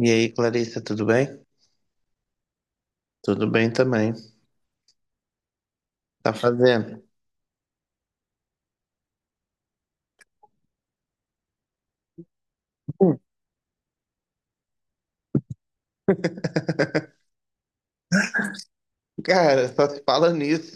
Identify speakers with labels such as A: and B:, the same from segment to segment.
A: E aí, Clarissa, tudo bem? Tudo bem também. Tá fazendo? Cara, só se fala nisso.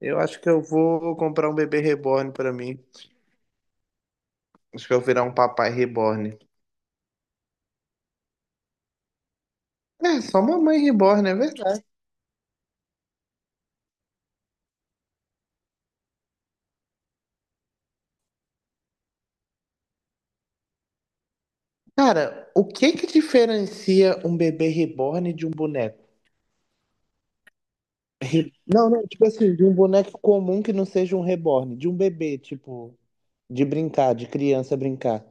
A: Eu acho que eu vou comprar um bebê reborn pra mim. Acho que eu vou virar um papai reborn. É, só mamãe reborn, é verdade. Cara, o que que diferencia um bebê reborn de um boneco? Não, não, tipo assim, de um boneco comum que não seja um reborn, de um bebê, tipo, de brincar, de criança brincar.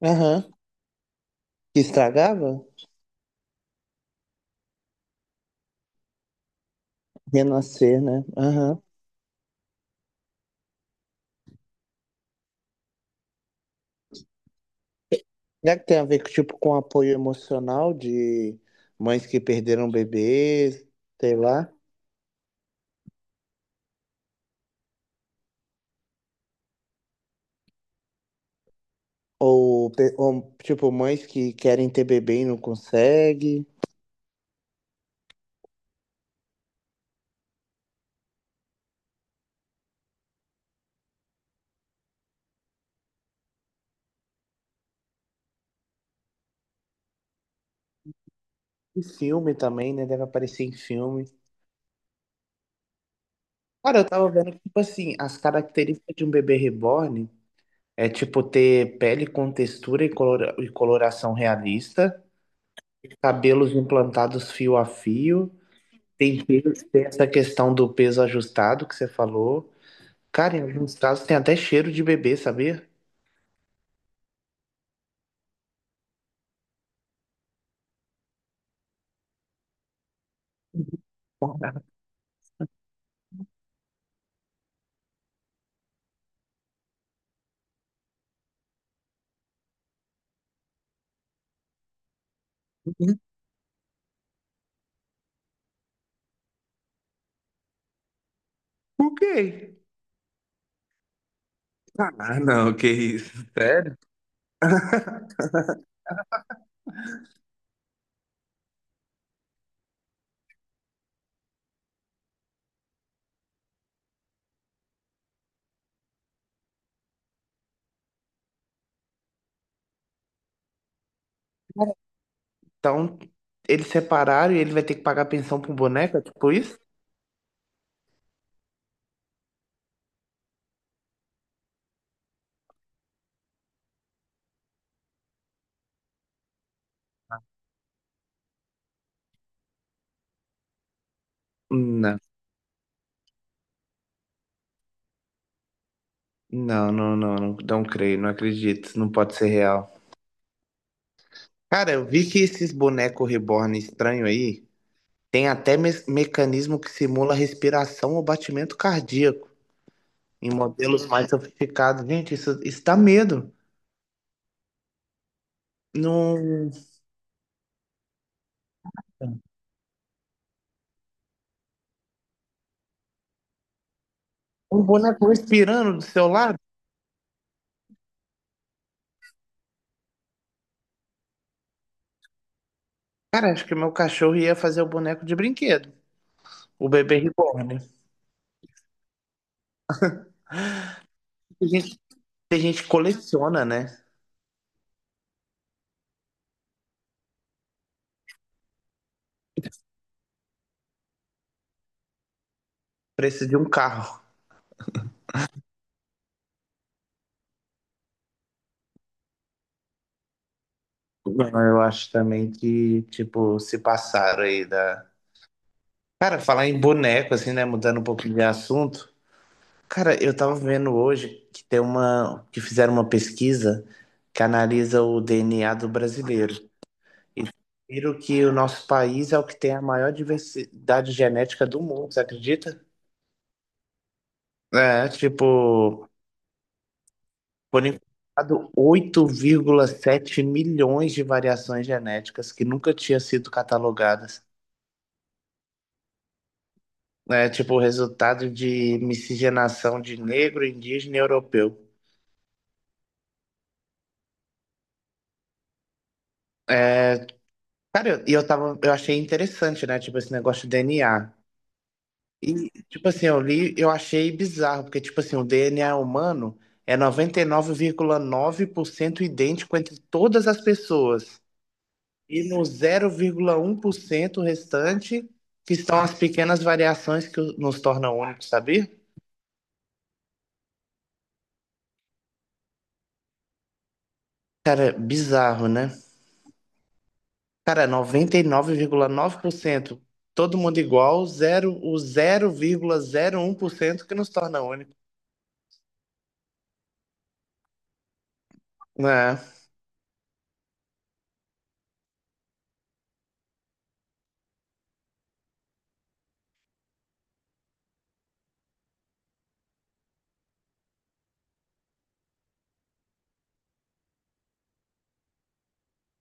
A: Aham. Que estragava? Renascer, né? Aham. Será que tem a ver, tipo, com apoio emocional de mães que perderam bebês, sei lá? Ou, ou, tipo, mães que querem ter bebê e não conseguem? E filme também, né? Deve aparecer em filme. Cara, eu tava vendo que, tipo assim, as características de um bebê reborn é, tipo, ter pele com textura e, coloração realista, cabelos implantados fio a fio, tem essa questão do peso ajustado que você falou. Cara, em alguns casos tem até cheiro de bebê, sabia? O quê? Sério? Então, eles separaram e ele vai ter que pagar pensão pro boneco, é tipo isso? Não, não, não, não, não, não creio, não acredito, não pode ser real. Cara, eu vi que esses bonecos reborn estranho aí tem até mecanismo que simula respiração ou batimento cardíaco em modelos mais sofisticados. Gente, isso dá medo. Num, Um boneco respirando do seu lado? Cara, acho que meu cachorro ia fazer o boneco de brinquedo. O bebê reborn. Tem gente, tem gente que coleciona, né? Preço de um carro. Eu acho também que, tipo, se passaram aí da. Cara, falar em boneco, assim, né? Mudando um pouquinho de assunto. Cara, eu tava vendo hoje que tem uma, que fizeram uma pesquisa que analisa o DNA do brasileiro. E viram que o nosso país é o que tem a maior diversidade genética do mundo, você acredita? É, tipo, por enquanto, 8,7 milhões de variações genéticas que nunca tinham sido catalogadas. É, tipo, o resultado de miscigenação de negro, indígena e europeu. É, cara, eu achei interessante, né? Tipo, esse negócio de DNA. E, tipo assim, eu li, eu achei bizarro, porque, tipo assim, o DNA humano é noventa e nove vírgula nove por cento idêntico entre todas as pessoas. E no 0,1% restante, que estão as pequenas variações que nos tornam únicos, sabia? Cara, bizarro, né? Cara, 99,9%, todo mundo igual, zero, o 0,01% que nos torna único. É,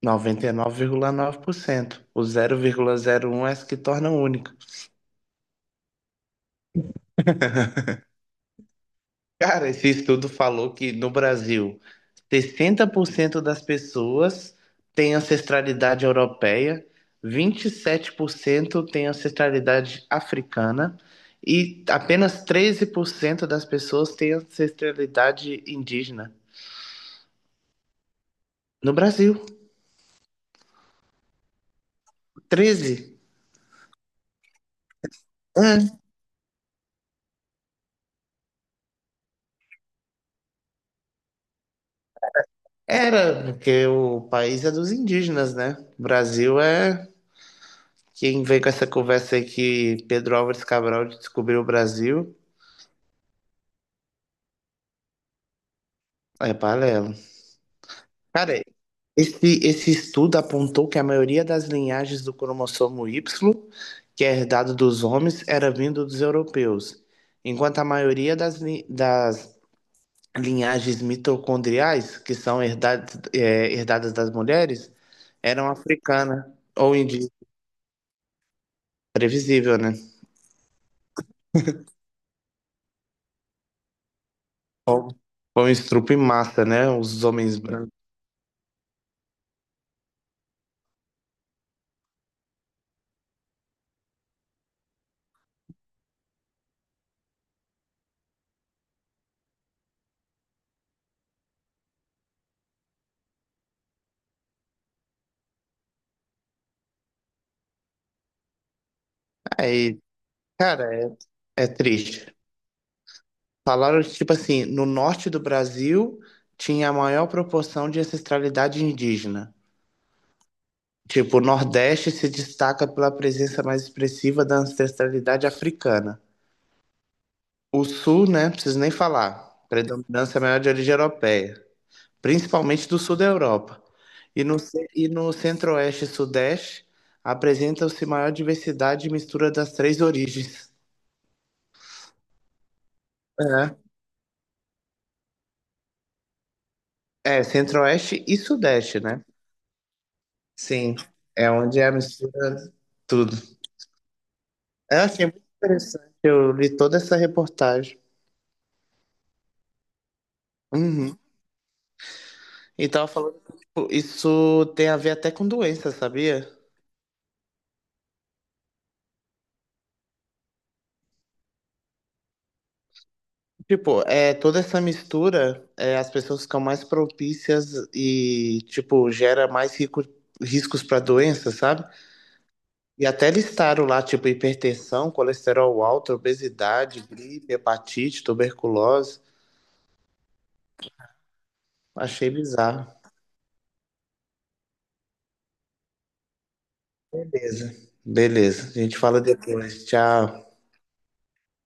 A: 99,9%. O 0,01% é as que tornam única. Cara, esse estudo falou que no Brasil, 60% das pessoas têm ancestralidade europeia, 27% têm ancestralidade africana e apenas 13% das pessoas têm ancestralidade indígena. No Brasil, 13. É, era, porque o país é dos indígenas, né? O Brasil é. Quem vem com essa conversa aí que Pedro Álvares Cabral descobriu o Brasil é paralelo. Cara, esse estudo apontou que a maioria das linhagens do cromossomo Y, que é herdado dos homens, era vindo dos europeus, enquanto a maioria das linhagens mitocondriais, que são herdadas, é, herdadas das mulheres, eram africana ou indígena. Previsível, né? Ou, ou estrupo em massa, né? Os homens brancos. Aí, cara, é triste. Falaram que, tipo assim, no norte do Brasil tinha a maior proporção de ancestralidade indígena. Tipo, o Nordeste se destaca pela presença mais expressiva da ancestralidade africana. O Sul, né, preciso nem falar, predominância maior de origem europeia, principalmente do Sul da Europa. E no Centro-Oeste e Sudeste apresentam-se maior diversidade e mistura das três origens. É Centro-Oeste e Sudeste, né? Sim, é onde é a mistura de tudo. É assim, é muito interessante, eu li toda essa reportagem. Uhum. E tava falando que, tipo, isso tem a ver até com doença, sabia? Tipo, é, toda essa mistura, é, as pessoas ficam mais propícias e, tipo, gera mais riscos para doença, sabe? E até listaram lá, tipo, hipertensão, colesterol alto, obesidade, gripe, hepatite, tuberculose. Achei bizarro. Beleza. Beleza. A gente fala depois. Tchau.